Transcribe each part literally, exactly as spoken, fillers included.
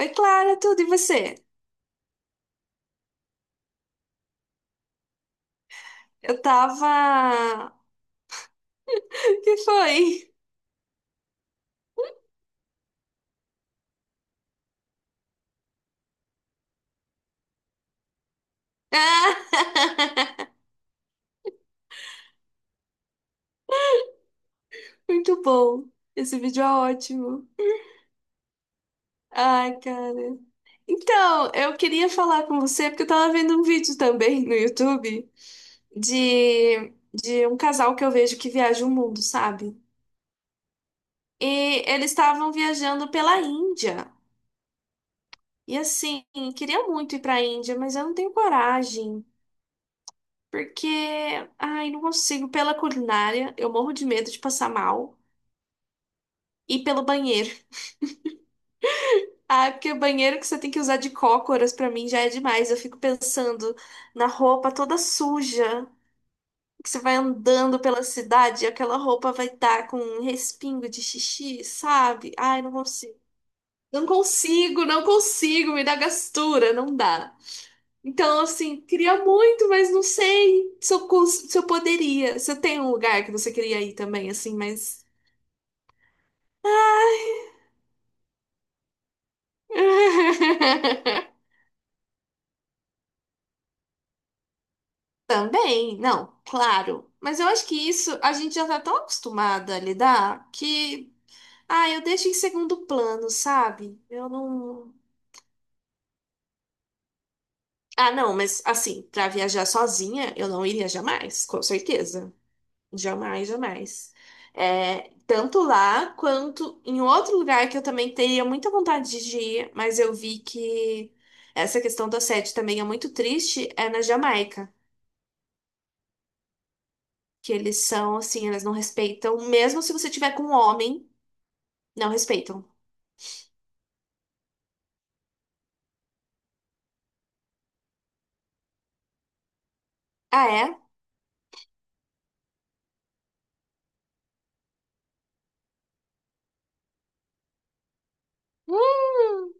Oi, Clara, tudo e você? Eu tava. Que foi? Ah! Muito bom. Esse vídeo é ótimo. Ai, cara. Então, eu queria falar com você porque eu tava vendo um vídeo também no YouTube de, de um casal que eu vejo que viaja o mundo, sabe? E eles estavam viajando pela Índia. E assim, queria muito ir pra Índia, mas eu não tenho coragem. Porque, ai, não consigo. Pela culinária, eu morro de medo de passar mal. E pelo banheiro. Ah, porque o banheiro que você tem que usar de cócoras, pra mim já é demais. Eu fico pensando na roupa toda suja, que você vai andando pela cidade e aquela roupa vai estar com um respingo de xixi, sabe? Ai, não consigo. Não consigo, não consigo, me dá gastura, não dá. Então, assim, queria muito, mas não sei se eu, cons- se eu poderia. Você tem um lugar que você queria ir também, assim, mas. Também, não, claro. Mas eu acho que isso a gente já tá tão acostumada a lidar que, ah, eu deixo em segundo plano, sabe? Eu não. Ah, não, mas assim, pra viajar sozinha, eu não iria jamais, com certeza. Jamais, jamais. É, tanto lá quanto em outro lugar que eu também teria muita vontade de ir, mas eu vi que essa questão do assédio também é muito triste, é na Jamaica. Que eles são assim, eles não respeitam. Mesmo se você tiver com um homem, não respeitam. Ah, é? Hum,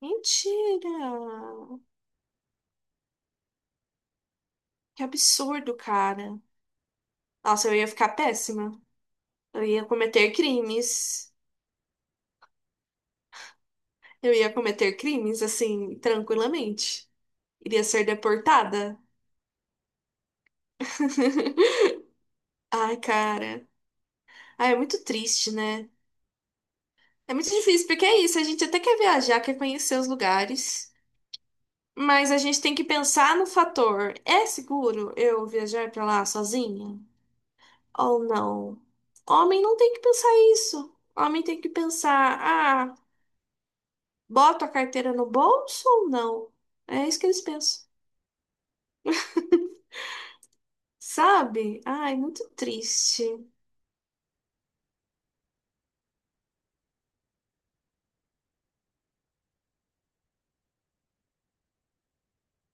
mentira! Que absurdo, cara. Nossa, eu ia ficar péssima. Eu ia cometer crimes. Eu ia cometer crimes, assim, tranquilamente. Iria ser deportada. Ai, cara. Ai, é muito triste, né? É muito difícil, porque é isso. A gente até quer viajar, quer conhecer os lugares. Mas a gente tem que pensar no fator: é seguro eu viajar pra lá sozinha ou não? Homem não tem que pensar isso. Homem tem que pensar: ah, boto a carteira no bolso ou não? É isso que eles pensam. Sabe? Ai, muito triste.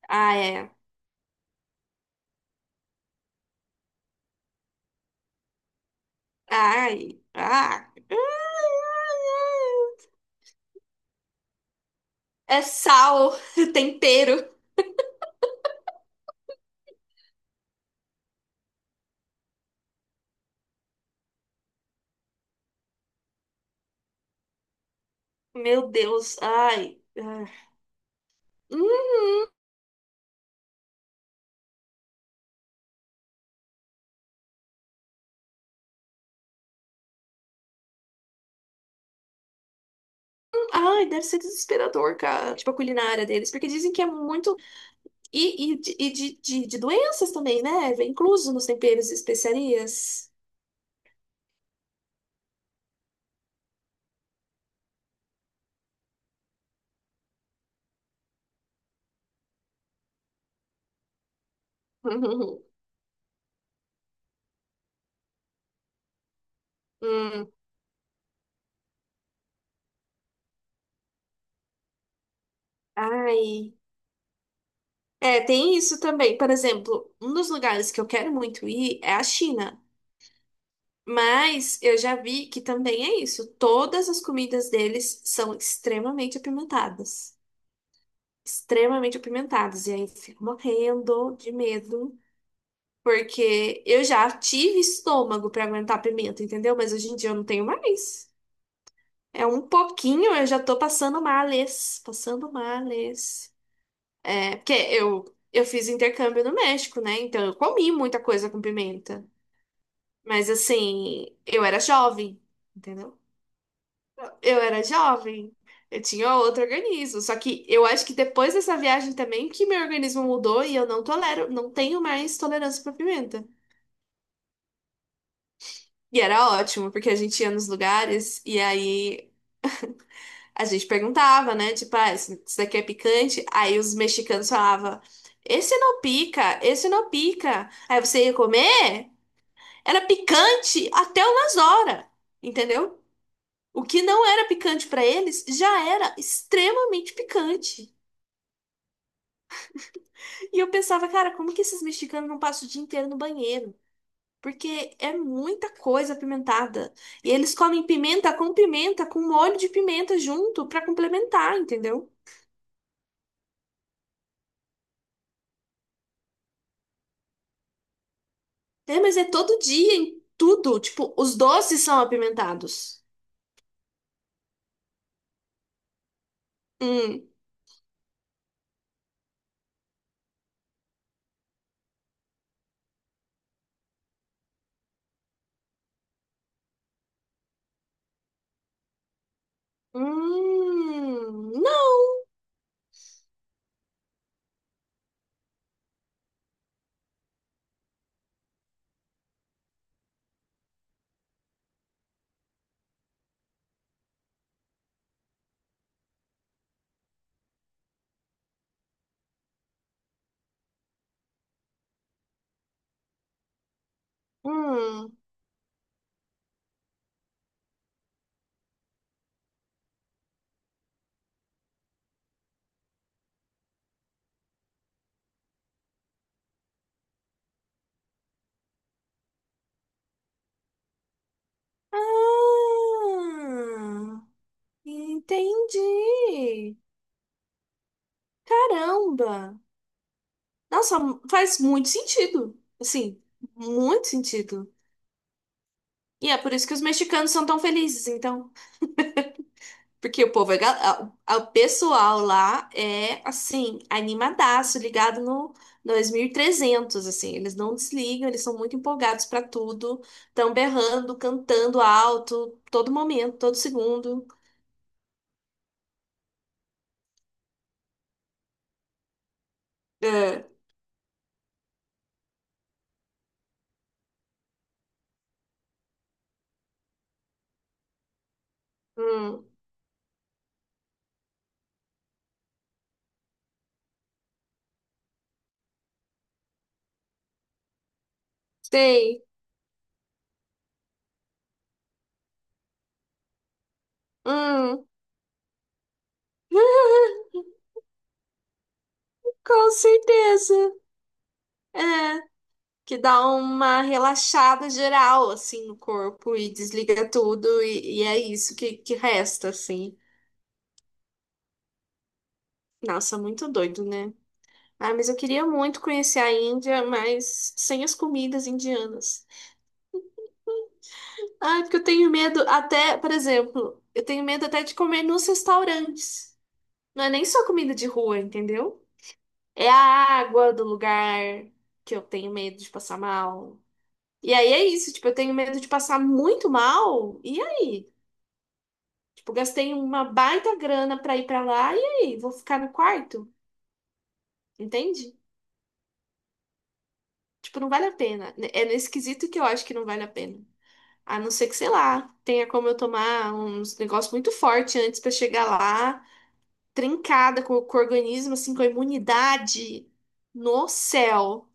Ah, é. Ai, ah. É sal, tempero. Meu Deus, ai. Ah. Uhum. Ai, deve ser desesperador, cara. Tipo, a culinária deles. Porque dizem que é muito. E, e, de, e de, de, de doenças também, né? Vem incluso nos temperos e especiarias. Hum, ai. É, tem isso também. Por exemplo, um dos lugares que eu quero muito ir é a China. Mas eu já vi que também é isso. Todas as comidas deles são extremamente apimentadas. Extremamente apimentadas. E aí eu fico morrendo de medo. Porque eu já tive estômago pra aguentar pimenta, entendeu? Mas hoje em dia eu não tenho mais. É um pouquinho, eu já tô passando males, passando males. É, porque eu, eu fiz intercâmbio no México, né? Então eu comi muita coisa com pimenta. Mas assim, eu era jovem, entendeu? Eu era jovem. Eu tinha outro organismo. Só que eu acho que depois dessa viagem também que meu organismo mudou e eu não tolero, não tenho mais tolerância pra pimenta. E era ótimo, porque a gente ia nos lugares e aí a gente perguntava, né? Tipo, ah, isso isso daqui é picante? Aí os mexicanos falavam, esse não pica, esse não pica. Aí você ia comer, era picante até umas horas, entendeu? O que não era picante pra eles já era extremamente picante. E eu pensava, cara, como que esses mexicanos não passam o dia inteiro no banheiro? Porque é muita coisa apimentada. E eles comem pimenta com pimenta, com molho de pimenta junto pra complementar, entendeu? É, mas é todo dia, em tudo. Tipo, os doces são apimentados. Hum. Hum. Não. Hum. Ah. Entendi. Caramba. Nossa, faz muito sentido. Assim, muito sentido. E é por isso que os mexicanos são tão felizes, então. Porque o povo é, ga- a- o pessoal lá é assim, animadaço, ligado no dois mil e trezentos, assim, eles não desligam, eles são muito empolgados pra tudo, estão berrando, cantando alto, todo momento, todo segundo. É. Hum, sei. Hum, com certeza. É, que dá uma relaxada geral, assim, no corpo e desliga tudo e, e é isso que, que resta, assim. Nossa, muito doido, né? Ah, mas eu queria muito conhecer a Índia, mas sem as comidas indianas. Ah, é porque eu tenho medo até, por exemplo, eu tenho medo até de comer nos restaurantes. Não é nem só comida de rua, entendeu? É a água do lugar que eu tenho medo de passar mal. E aí é isso, tipo, eu tenho medo de passar muito mal. E aí? Tipo, gastei uma baita grana pra ir pra lá, e aí? Vou ficar no quarto? Entende? Tipo, não vale a pena. É nesse quesito que eu acho que não vale a pena. A não ser que, sei lá, tenha como eu tomar uns negócios muito forte antes pra chegar lá, trincada com, com o organismo, assim, com a imunidade no céu.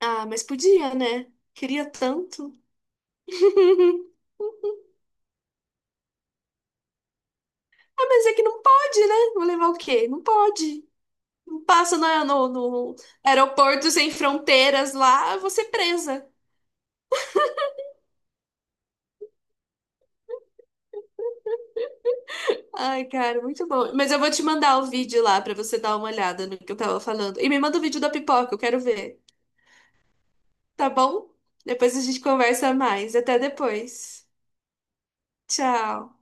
Ah, mas podia, né? Queria tanto. Ah, mas é que não pode, né? Vou levar o quê? Não pode. Não passa na- no, no aeroporto sem fronteiras lá, eu vou ser presa. Ai, cara, muito bom. Mas eu vou te mandar o vídeo lá pra você dar uma olhada no que eu tava falando. E me manda o vídeo da pipoca, eu quero ver. Tá bom? Depois a gente conversa mais. Até depois. Tchau.